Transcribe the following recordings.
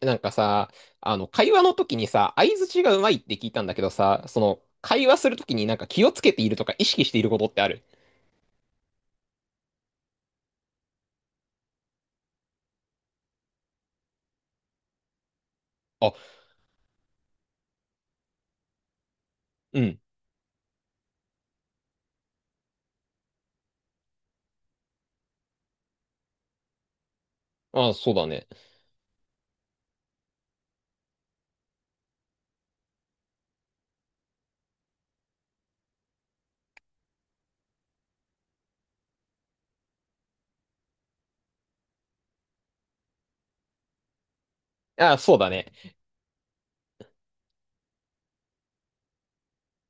なんかさ、会話の時にさ、相槌がうまいって聞いたんだけどさ、会話する時になんか気をつけているとか意識していることってある？あ、うん。あ、そうだね。あ、そうだね。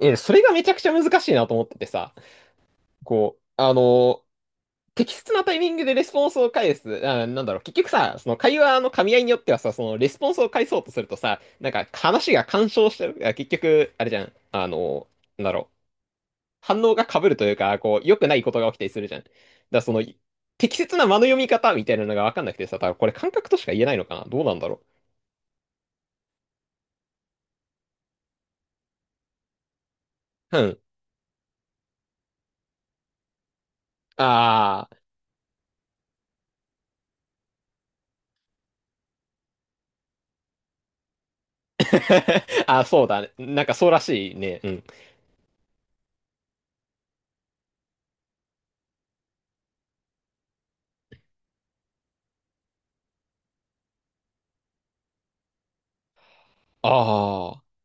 え、それがめちゃくちゃ難しいなと思っててさ、こう、適切なタイミングでレスポンスを返す。あ、なんだろう、結局さ、その会話の噛み合いによってはさ、そのレスポンスを返そうとするとさ、なんか話が干渉してる。あ、結局、あれじゃん。なんだろう。反応が被るというか、こう、良くないことが起きたりするじゃん。だから適切な間の読み方みたいなのが分かんなくてさ、多分これ感覚としか言えないのかな、どうなんだろう。うん。ああ。ああ、そうだね。なんかそうらしいね。うん。ああ。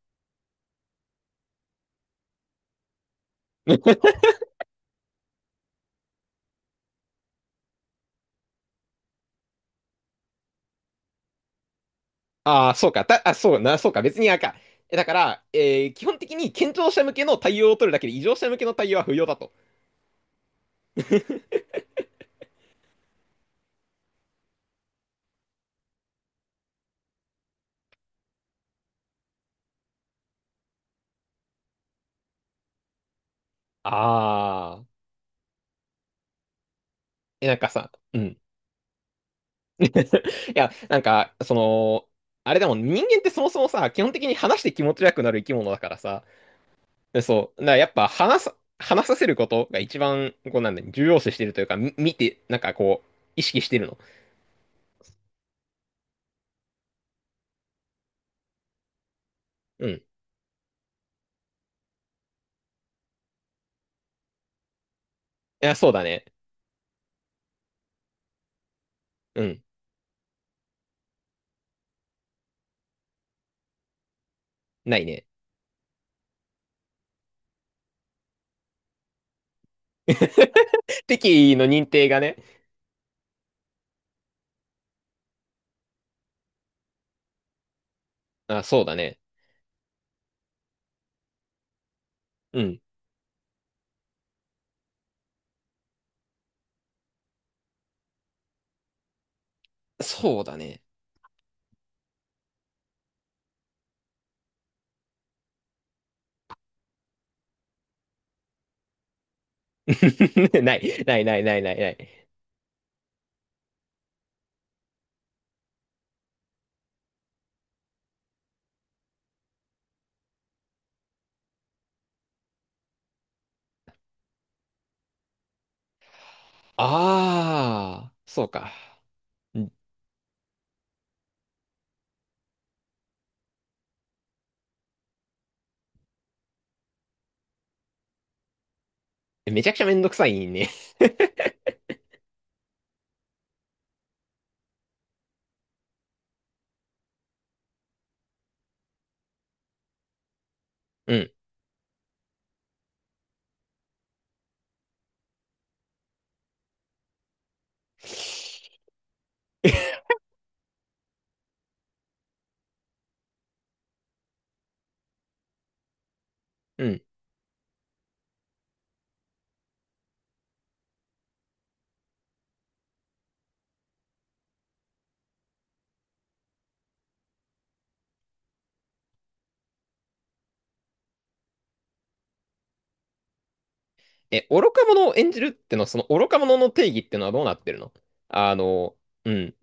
ああ、そうか。あ、そうな、そうか。別にあかえだから、基本的に健常者向けの対応を取るだけで異常者向けの対応は不要だと。ああ。え、なんかさ、うん。いや、なんか、あれでも人間ってそもそもさ、基本的に話して気持ち悪くなる生き物だからさ、でそう。だからやっぱ話さ、話させることが一番、こうなんだ、重要視してるというか、見て、なんかこう、意識してるの。うん。いや、そうだね。うん。ないね。敵意の認定がね。あ、そうだね。うん。そうだね。ない、ない、ない、ない、ない、ない。あー、そうか。うん。めちゃくちゃめんどくさいね。うん。うん。え、愚か者を演じるってのは、その愚か者の定義ってのはどうなってるの？あの、うん。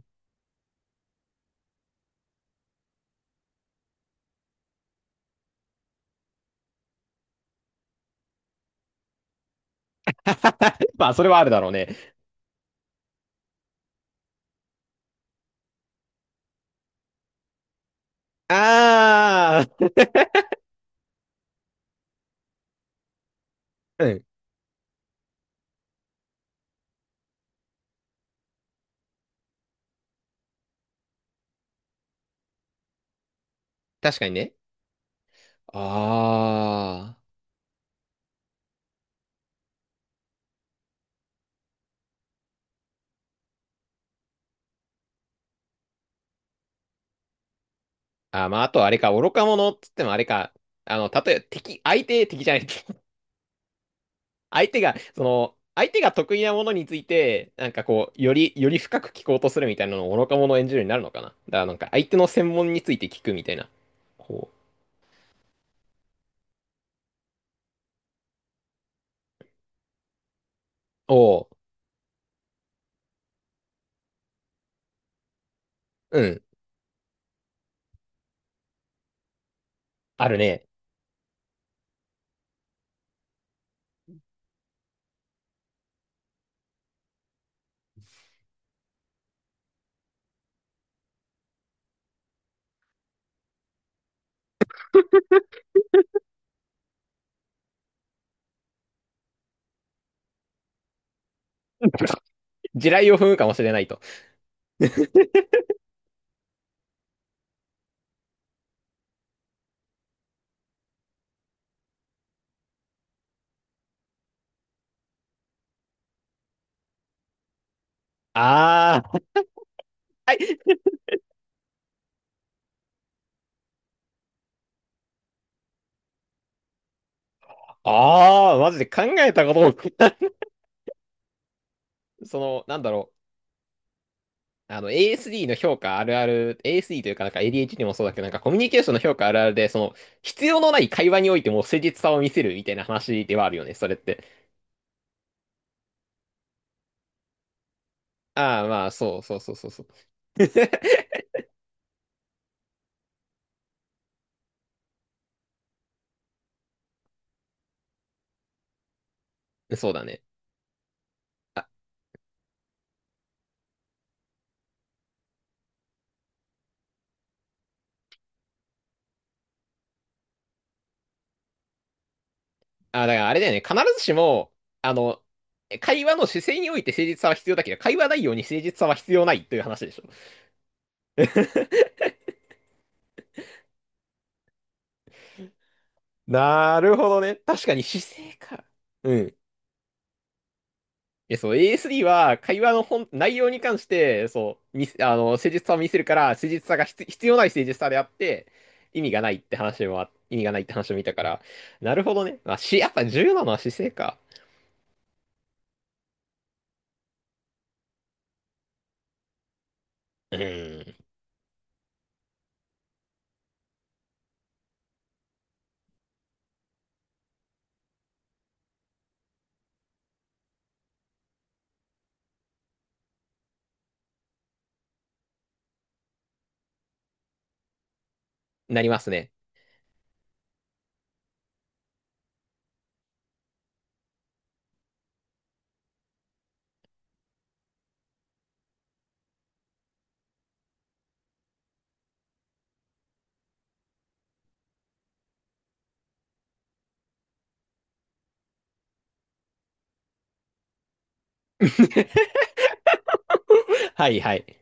まあ、それはあるだろうね。ああ、うん。確かにね。ああ。あー、まあ、あとあれか、愚か者っつってもあれか、例えば敵、相手、敵じゃない。相手が、相手が得意なものについて、なんかこう、より、より深く聞こうとするみたいなのを愚か者を演じるようになるのかな。だからなんか、相手の専門について聞くみたいな。こう。おう。うん。あるね。地雷を踏むかもしれないと。ああ。はい。ああ、マジで考えたことも。なんだろう、ASD の評価あるある、ASD というかなんか ADHD もそうだけど、なんかコミュニケーションの評価あるあるで、必要のない会話においても誠実さを見せるみたいな話ではあるよね、それって。ああ、まあ、そうそうそうそうそう。そうだね。あ、あ、だからあれだよね、必ずしも、あの、会話の姿勢において誠実さは必要だけど、会話内容に誠実さは必要ないという話でしょ？なるほどね。確かに姿勢か。うん。え、そう、ASD は会話の本、内容に関して、そう、見せ、あの、誠実さを見せるから、誠実さが必要ない誠実さであって、意味がないって話を見たから、なるほどね。まあ、やっぱ重要なのは姿勢か。うーん、なりますね。はいはい。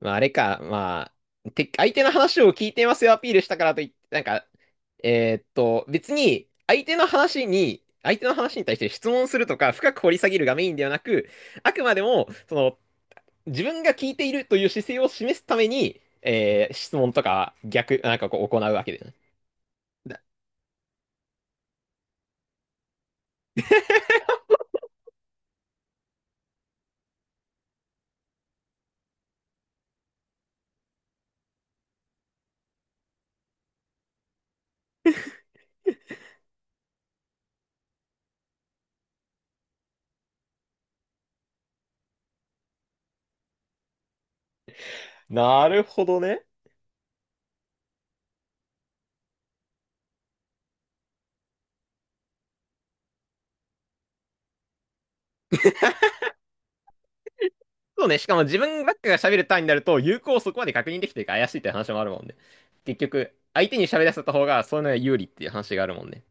まあ、あれか、まあ、相手の話を聞いてますよアピールしたからといって、なんか、別に、相手の話に対して質問するとか、深く掘り下げるがメインではなく、あくまでも、自分が聞いているという姿勢を示すために、質問とか逆、なんかこう行うわけでね。だなるほどね。そうね、しかも自分ばっかが喋る単位になると、有効をそこまで確認できてるか怪しいって話もあるもんね。結局、相手に喋らせた方が、そういうのが有利っていう話があるもんね。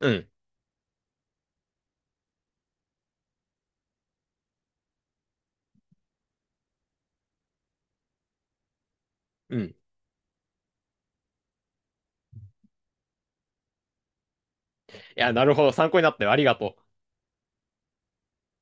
うん、うん。いや、なるほど、参考になったよ。ありがとう。